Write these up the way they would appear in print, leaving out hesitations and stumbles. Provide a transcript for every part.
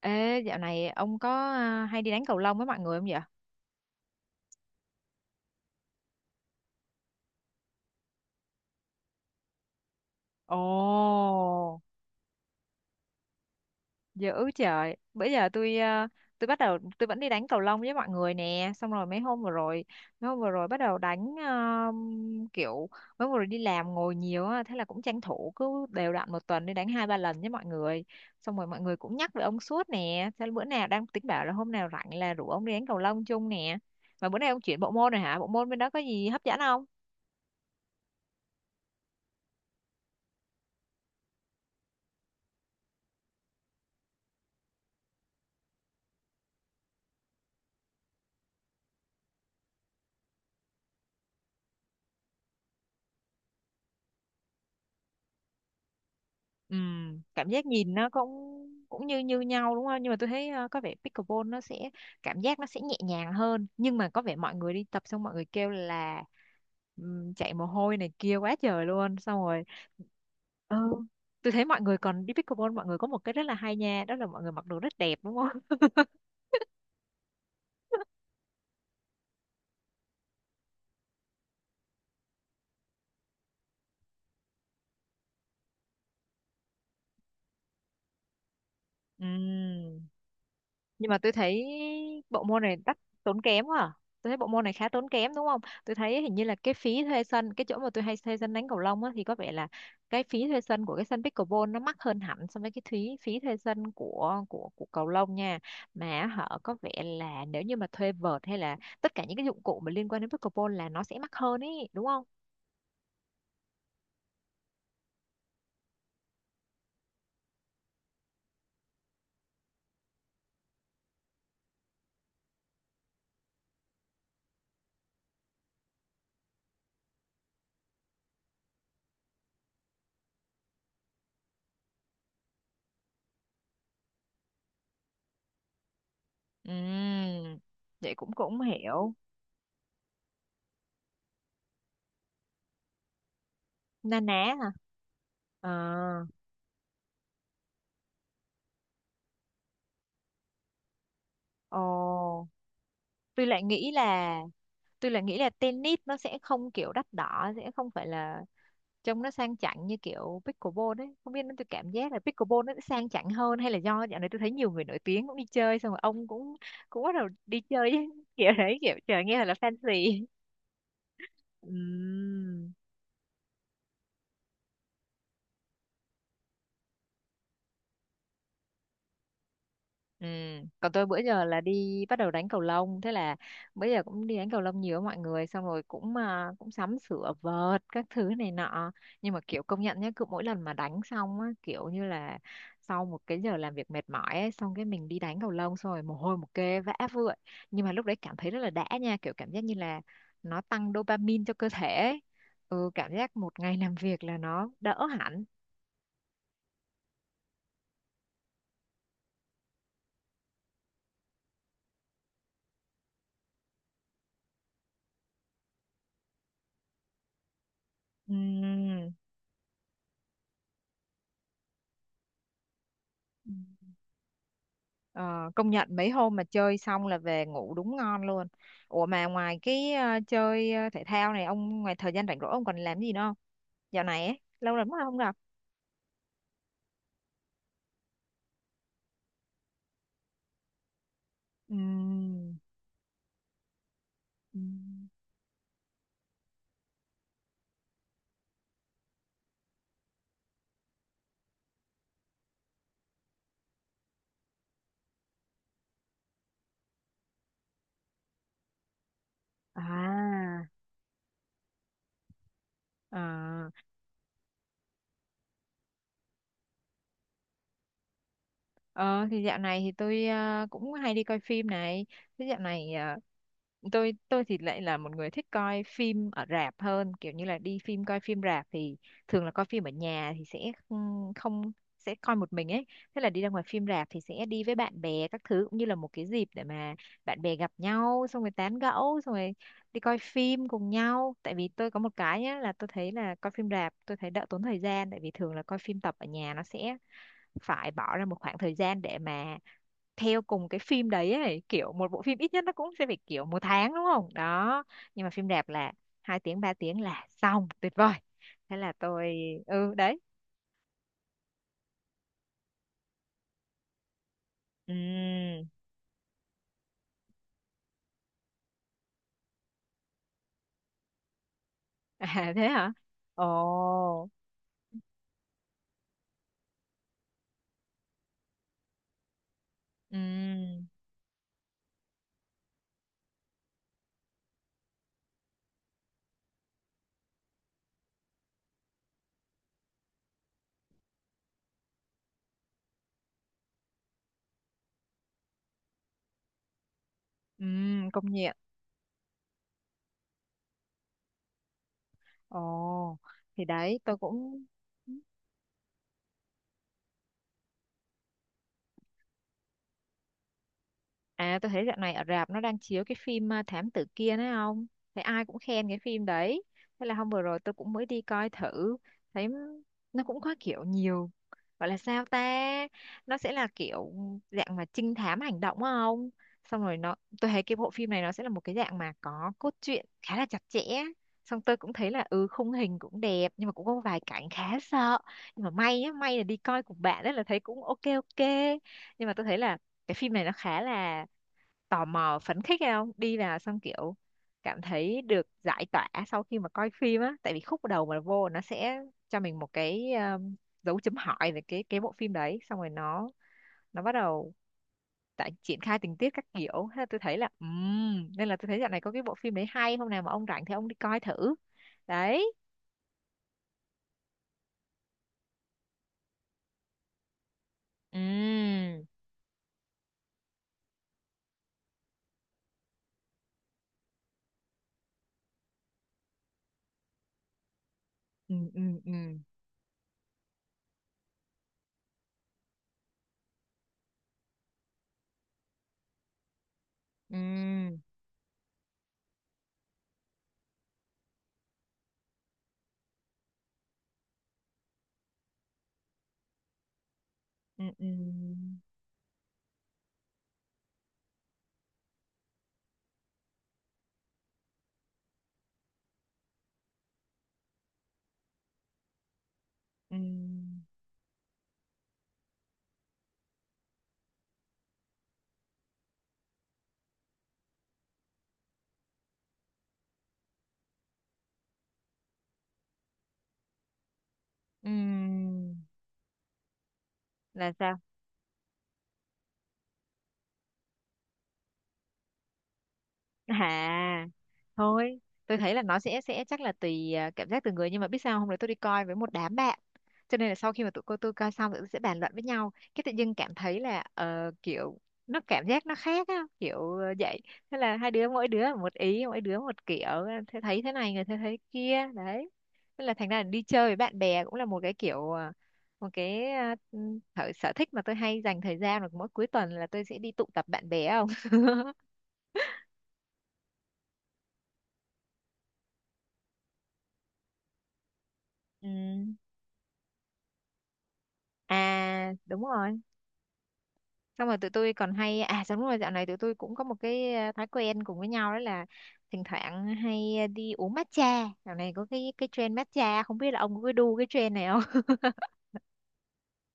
Ê, dạo này ông hay đi đánh cầu lông với mọi người không vậy? Ồ, dữ trời. Bây giờ tôi à, tôi bắt đầu tôi vẫn đi đánh cầu lông với mọi người nè. Xong rồi mấy hôm vừa rồi, mấy hôm vừa rồi bắt đầu đánh à, kiểu mấy hôm vừa rồi đi làm ngồi nhiều á, thế là cũng tranh thủ cứ đều đặn một tuần đi đánh hai ba lần với mọi người. Xong rồi mọi người cũng nhắc về ông suốt nè, thế là bữa nào đang tính bảo là hôm nào rảnh là rủ ông đi đánh cầu lông chung nè. Mà bữa nay ông chuyển bộ môn rồi hả? Bộ môn bên đó có gì hấp dẫn không? Ừ, cảm giác nhìn nó cũng cũng như như nhau đúng không? Nhưng mà tôi thấy có vẻ pickleball nó sẽ cảm giác nó sẽ nhẹ nhàng hơn, nhưng mà có vẻ mọi người đi tập xong mọi người kêu là chạy mồ hôi này kia quá trời luôn, xong rồi ừ, tôi thấy mọi người còn đi pickleball, mọi người có một cái rất là hay nha, đó là mọi người mặc đồ rất đẹp đúng không? Ừ, nhưng mà tôi thấy bộ môn này đắt tốn kém quá à. Tôi thấy bộ môn này khá tốn kém đúng không? Tôi thấy hình như là cái phí thuê sân, cái chỗ mà tôi hay thuê sân đánh cầu lông á, thì có vẻ là cái phí thuê sân của cái sân pickleball nó mắc hơn hẳn so với cái phí phí thuê sân của cầu lông nha. Mà họ có vẻ là nếu như mà thuê vợt hay là tất cả những cái dụng cụ mà liên quan đến pickleball là nó sẽ mắc hơn ý, đúng không? Ừm, vậy cũng cũng hiểu. Na ná hả? Ờ ồ tôi lại nghĩ là, tennis nó sẽ không kiểu đắt đỏ, sẽ không phải là trông nó sang chảnh như kiểu pickleball đấy, không biết. Tôi cảm giác là pickleball nó sẽ sang chảnh hơn, hay là do dạo này tôi thấy nhiều người nổi tiếng cũng đi chơi xong rồi ông cũng cũng bắt đầu đi chơi kiểu đấy, kiểu trời nghe là fancy. Ừm. Ừ. Còn tôi bữa giờ là đi bắt đầu đánh cầu lông, thế là bữa giờ cũng đi đánh cầu lông nhiều với mọi người, xong rồi cũng sắm sửa vợt các thứ này nọ. Nhưng mà kiểu, công nhận nhé, cứ mỗi lần mà đánh xong á, kiểu như là sau một cái giờ làm việc mệt mỏi ấy, xong cái mình đi đánh cầu lông xong rồi mồ hôi một kê vã vợi, nhưng mà lúc đấy cảm thấy rất là đã nha, kiểu cảm giác như là nó tăng dopamine cho cơ thể ấy. Ừ, cảm giác một ngày làm việc là nó đỡ hẳn. Ừ. Ờ, công nhận mấy hôm mà chơi xong là về ngủ đúng ngon luôn. Ủa, mà ngoài cái chơi thể thao này, ông ngoài thời gian rảnh rỗi ông còn làm gì nữa không? Dạo này ấy, lâu lắm rồi không gặp. Ừm, ừm. À, Ờ, ờ, thì dạo này thì tôi cũng hay đi coi phim này. Thế dạo này tôi thì lại là một người thích coi phim ở rạp hơn, kiểu như là đi phim, coi phim rạp thì, thường là coi phim ở nhà thì sẽ không không- sẽ coi một mình ấy, thế là đi ra ngoài phim rạp thì sẽ đi với bạn bè các thứ, cũng như là một cái dịp để mà bạn bè gặp nhau, xong rồi tán gẫu, xong rồi đi coi phim cùng nhau. Tại vì tôi có một cái nhá là tôi thấy là coi phim rạp tôi thấy đỡ tốn thời gian, tại vì thường là coi phim tập ở nhà nó sẽ phải bỏ ra một khoảng thời gian để mà theo cùng cái phim đấy ấy, kiểu một bộ phim ít nhất nó cũng sẽ phải kiểu một tháng đúng không đó, nhưng mà phim đẹp là 2 tiếng 3 tiếng là xong, tuyệt vời. Thế là tôi, ừ đấy. Ừm. À, thế hả? Ồ. Ừm. Công nhận. Ồ, thì đấy tôi cũng. À, tôi thấy dạo này ở rạp nó đang chiếu cái phim Thám tử kia đấy không? Thấy ai cũng khen cái phim đấy. Thế là hôm vừa rồi tôi cũng mới đi coi thử. Thấy nó cũng có kiểu nhiều. Gọi là sao ta? Nó sẽ là kiểu dạng mà trinh thám hành động á không? Xong rồi nó Tôi thấy cái bộ phim này nó sẽ là một cái dạng mà có cốt truyện khá là chặt chẽ. Xong tôi cũng thấy là khung hình cũng đẹp, nhưng mà cũng có vài cảnh khá sợ. Nhưng mà may á, may là đi coi cùng bạn đấy là thấy cũng ok ok. Nhưng mà tôi thấy là cái phim này nó khá là tò mò, phấn khích hay không đi vào xong kiểu cảm thấy được giải tỏa sau khi mà coi phim á, tại vì khúc đầu mà vô nó sẽ cho mình một cái dấu chấm hỏi về cái bộ phim đấy, xong rồi nó bắt đầu tại triển khai tình tiết các kiểu. Thế là tôi thấy là nên là tôi thấy dạo này có cái bộ phim đấy hay, hôm nào mà ông rảnh thì ông đi coi thử đấy. Ừm, ừm, ừm, ừm, ừm, ừm, ừm, ừm, ừm. Là sao? À thôi, tôi thấy là nó sẽ chắc là tùy cảm giác từng người, nhưng mà biết sao, hôm đấy tôi đi coi với một đám bạn cho nên là sau khi mà tụi tôi coi xong tụi tôi sẽ bàn luận với nhau, cái tự dưng cảm thấy là kiểu nó cảm giác nó khác á, kiểu vậy. Thế là hai đứa, mỗi đứa một ý, mỗi đứa một kiểu, thế thấy thế này, người thế thấy kia đấy. Thế là thành ra là đi chơi với bạn bè cũng là một cái kiểu một cái thử sở thích mà tôi hay dành thời gian, là mỗi cuối tuần là tôi sẽ đi tụ tập bạn bè không Ừ, à đúng rồi. Xong rồi tụi tôi còn hay, à đúng rồi, dạo này tụi tôi cũng có một cái thói quen cùng với nhau, đó là thỉnh thoảng hay đi uống matcha. Dạo này có cái trend matcha, không biết là ông có đu cái trend này không.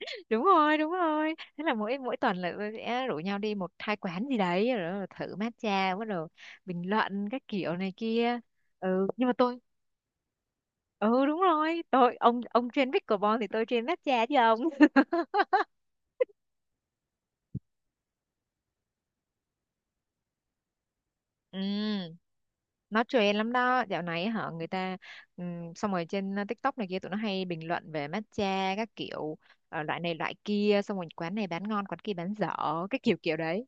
Đúng rồi, đúng rồi, thế là mỗi mỗi tuần là tôi sẽ rủ nhau đi một hai quán gì đấy, rồi thử matcha, bắt đầu bình luận các kiểu này kia. Ừ, nhưng mà tôi, ừ đúng rồi tôi, ông trend pickleball thì tôi trend matcha chứ ông Ừ, nó trend lắm đó dạo này hả người ta, xong rồi trên TikTok này kia tụi nó hay bình luận về matcha các kiểu, loại này loại kia, xong rồi quán này bán ngon quán kia bán dở, cái kiểu kiểu đấy.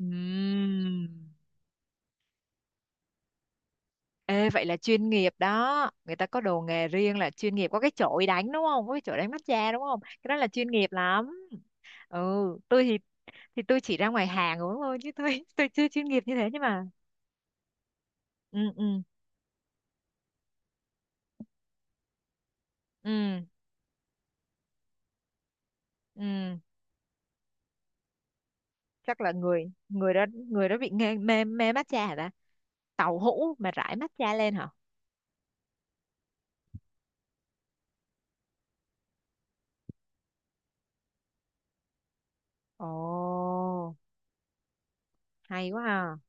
Ừm. Ê, vậy là chuyên nghiệp đó, người ta có đồ nghề riêng là chuyên nghiệp, có cái chổi đánh đúng không, có cái chổi đánh matcha đúng không, cái đó là chuyên nghiệp lắm. Ừ, tôi thì, tôi chỉ ra ngoài hàng uống thôi chứ tôi tôi chưa chuyên nghiệp như thế, nhưng mà ừ, ừ, ừ, ừ, chắc là người người đó bị nghe, mê mê matcha hả ta, tàu hũ mà rải matcha lên hả? Ồ, hay quá ha.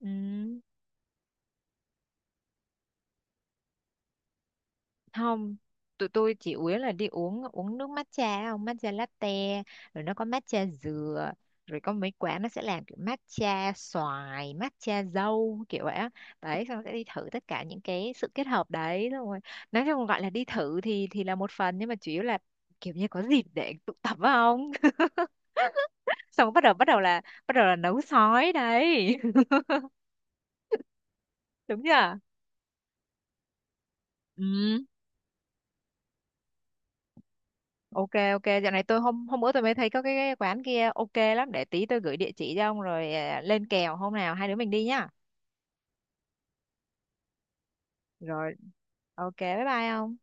Ừ, không, tụi tôi chỉ uống là đi uống uống nước matcha không, matcha latte, rồi nó có matcha dừa, rồi có mấy quán nó sẽ làm kiểu matcha xoài matcha dâu kiểu vậy á, đấy, xong sẽ đi thử tất cả những cái sự kết hợp đấy, xong rồi nói chung gọi là đi thử thì là một phần, nhưng mà chủ yếu là kiểu như có dịp để tụ tập phải không, xong bắt đầu là nấu sói đấy đúng chưa? Ừ, ok ok, dạo này tôi, hôm hôm bữa tôi mới thấy có cái quán kia ok lắm, để tí tôi gửi địa chỉ cho ông rồi lên kèo hôm nào hai đứa mình đi nhá. Rồi ok, bye bye ông.